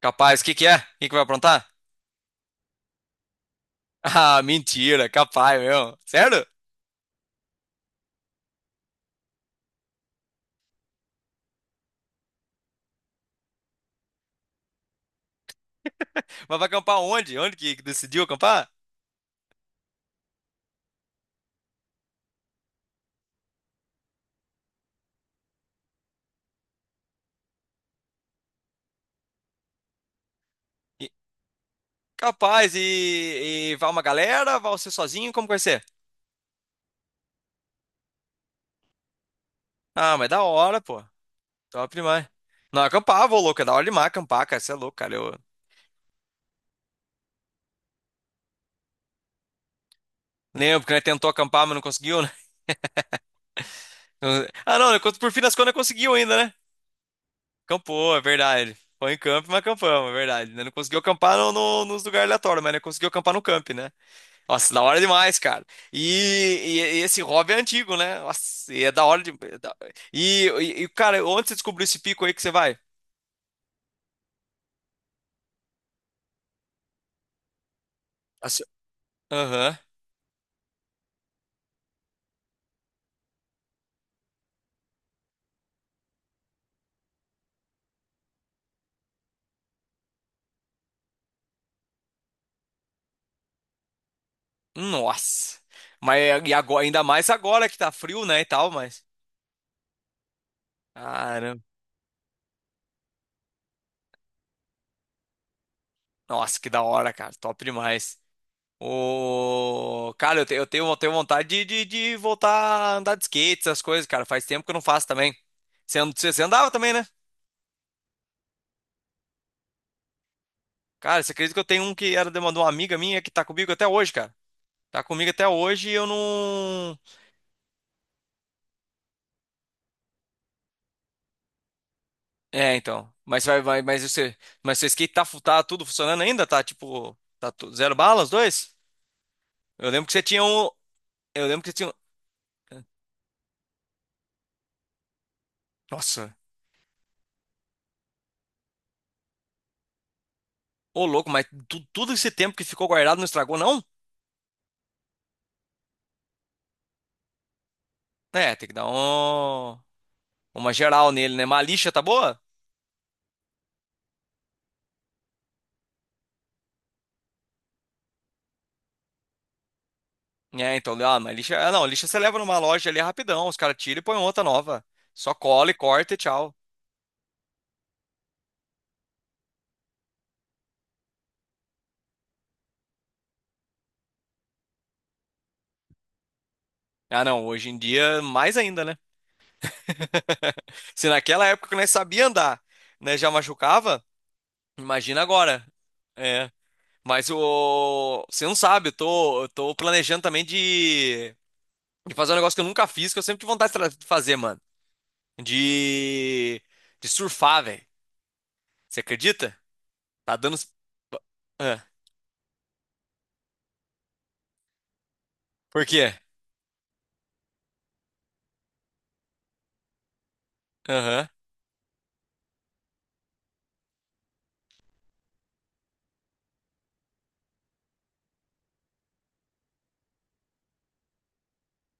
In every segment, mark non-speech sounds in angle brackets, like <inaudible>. Capaz, o que que é? Quem que vai aprontar? <laughs> Ah, mentira, capaz mesmo. Sério? Mas vai acampar onde? Onde que decidiu acampar? E- Capaz, e vai uma galera? Vai você sozinho? Como que vai ser? Ah, mas é da hora, pô. Top demais. Não, acampar, vou louco, é da hora demais acampar, cara. Você é louco, cara. Eu lembro que né, tentou acampar, mas não conseguiu, né? <laughs> Ah, não, por fim das contas conseguiu ainda, né? Acampou, é verdade. Foi em camp, mas acampamos, é verdade, né? Não conseguiu acampar nos lugares aleatórios, mas né, conseguiu acampar no camp, né? Nossa, da hora demais, cara. E esse hobby é antigo, né? Nossa, e é da hora de. E, cara, onde você descobriu esse pico aí que você vai? Assim. Aham. Nossa. Mas e agora, ainda mais agora que tá frio, né? E tal, mas. Caramba. Nossa, que da hora, cara. Top demais. Ô, cara, eu tenho vontade de voltar a andar de skate, essas coisas, cara. Faz tempo que eu não faço também. Você andava também, né? Cara, você acredita que eu tenho um que era de uma, amiga minha que tá comigo até hoje, cara? Tá comigo até hoje e eu não. É, então. Mas vai, mas seu skate tá, tá tudo funcionando ainda? Tá tipo, zero bala os dois? Eu lembro que você tinha um, eu lembro que você tinha um... Nossa, ô louco, mas tudo esse tempo que ficou guardado não estragou não? É, tem que dar um... uma geral nele, né? Mas a lixa tá boa? É, então, ah, mas lixa, ah, não, lixa você leva numa loja ali rapidão, os caras tiram e põem outra nova. Só cola e corta e tchau. Ah, não, hoje em dia mais ainda, né? Se naquela época que nós sabia andar, né, já machucava, imagina agora. É, mas o você não sabe, eu tô planejando também de fazer um negócio que eu nunca fiz, que eu sempre tive vontade de fazer, mano. De de surfar, velho. Você acredita? Tá dando ah, por quê? Aham.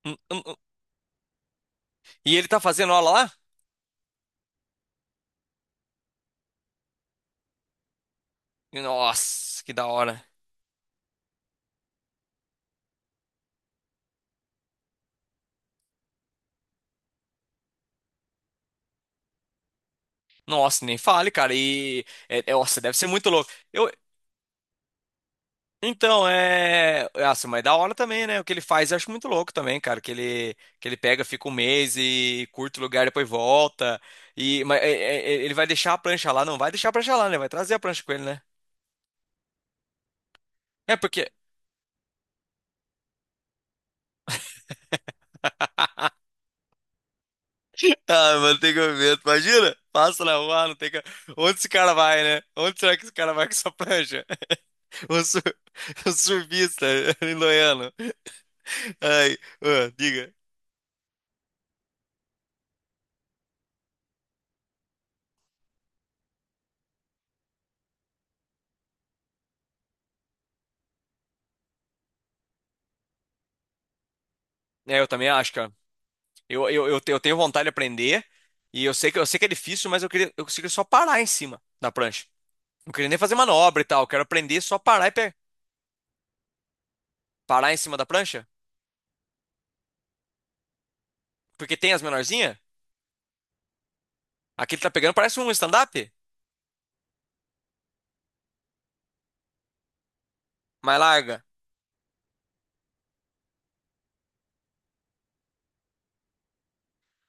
Hum, hum, hum. E ele tá fazendo aula lá? Nossa, que da hora. Nossa, nem fale, cara. E é, nossa, deve ser muito louco. Então, é. Nossa, mas é da hora também, né? O que ele faz eu acho muito louco também, cara. que ele pega, fica um mês e curta o lugar, depois volta. E... Mas ele vai deixar a prancha lá? Não vai deixar a prancha lá, né? Vai trazer a prancha com ele, né? É porque. <laughs> Ah, mano, tem que ver. Imagina? Passa na rua, não tem que. Onde esse cara vai, né? Onde será que esse cara vai com essa prancha? <laughs> O, sur... o surfista <laughs> em Loiano. Ai, ah, diga. É, eu também acho, cara. Eu tenho vontade de aprender e eu sei que é difícil, mas eu queria eu consigo só parar em cima da prancha. Não queria nem fazer manobra e tal, eu quero aprender só parar e parar em cima da prancha, porque tem as menorzinhas. Aquele que tá pegando parece um stand-up, mas larga.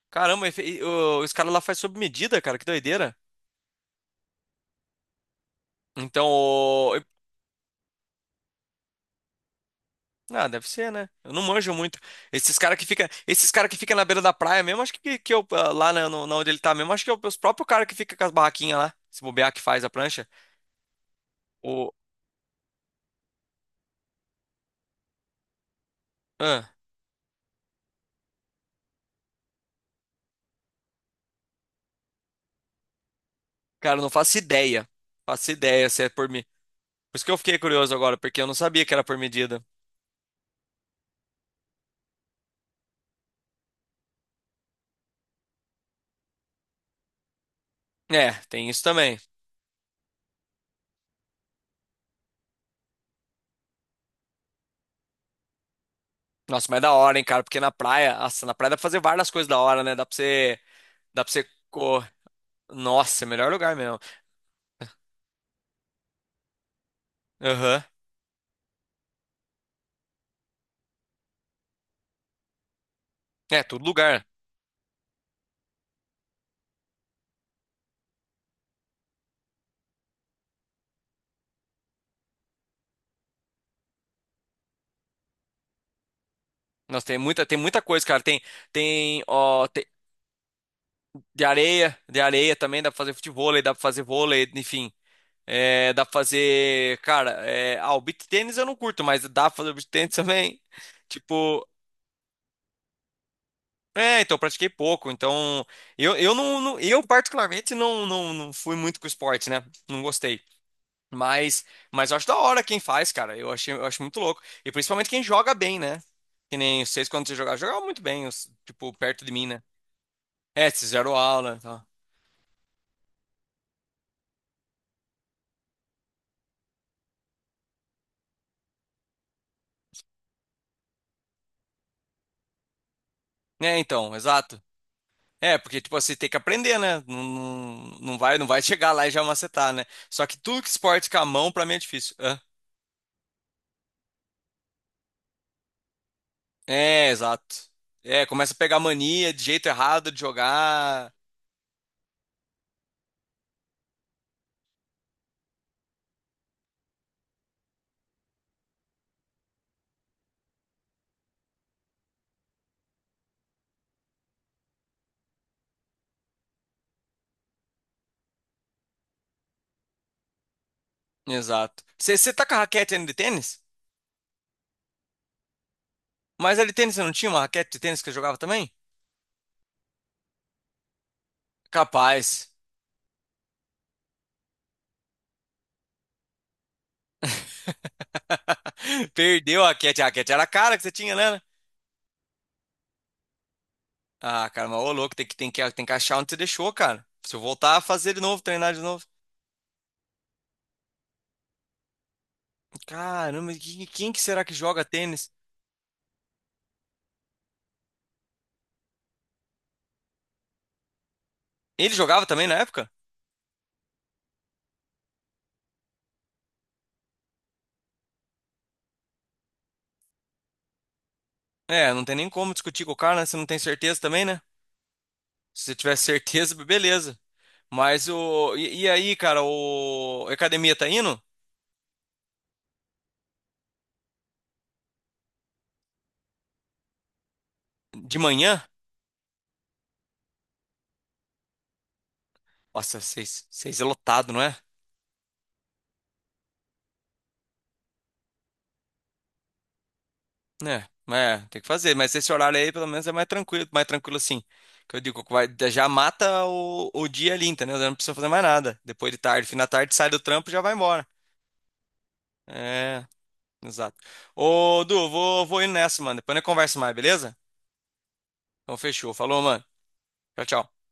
Caramba, e os caras lá faz sob medida, cara, que doideira. Então, ah, deve ser, né? Eu não manjo muito. Esses caras que fica, esses cara que fica na beira da praia mesmo, acho que eu ah, lá na, na onde ele tá mesmo, acho que é os próprios caras que fica com as barraquinhas lá, se bobear que faz a prancha. O ah. Cara, eu não faço ideia. Faço ideia se é por mim. Por isso que eu fiquei curioso agora, porque eu não sabia que era por medida. É, tem isso também. Nossa, mas é da hora, hein, cara? Porque na praia, nossa, na praia dá pra fazer várias coisas da hora, né? Dá pra você. Dá pra você. Nossa, é melhor lugar mesmo. Aham. É, todo lugar. Nossa, tem muita coisa, cara. Tem, ó, De areia também dá pra fazer futevôlei, dá pra fazer vôlei, enfim. É, dá pra fazer, cara, é, ah, o beach tênis eu não curto, mas dá pra fazer beach tênis também. <laughs> Tipo, é, então eu pratiquei pouco, então eu particularmente não fui muito com esporte, né? Não gostei. Mas eu acho da hora quem faz, cara. Eu achei, eu acho muito louco. E principalmente quem joga bem, né? Que nem vocês quando vocês jogavam, jogavam muito bem, tipo, perto de mim, né? É, vocês fizeram aula, tá? É, então, exato. É, porque tipo você tem que aprender, né? Não, não, não vai <laughs> chegar lá e já macetar, né? Só que tudo que esporte com a mão pra mim é difícil. É, exato. É, começa a pegar mania de jeito errado de jogar. Exato. Você tá com a raquete ainda de tênis? Mas a de tênis você não tinha uma raquete de tênis que você jogava também? Capaz. <laughs> Perdeu a raquete. A raquete era a cara que você tinha, né? Ah, cara, mas ô louco, tem que achar onde você deixou, cara. Se eu voltar a fazer de novo, treinar de novo. Caramba, quem que será que joga tênis? Ele jogava também na época? É, não tem nem como discutir com o cara, né? Você não tem certeza também, né? Se você tiver certeza, <laughs> beleza. Mas o. E aí, cara, o. A academia tá indo? De manhã? Nossa, seis, seis é lotado, não é? É, mas é, tem que fazer. Mas esse horário aí, pelo menos, é mais tranquilo assim. Que eu digo, que vai, já mata o dia ali, entendeu? Já não precisa fazer mais nada. Depois de tarde, fim da tarde, sai do trampo e já vai embora. É, exato. Ô, Du, vou indo nessa, mano. Depois a gente conversa mais, beleza? Então fechou. Falou, mano. Tchau, tchau.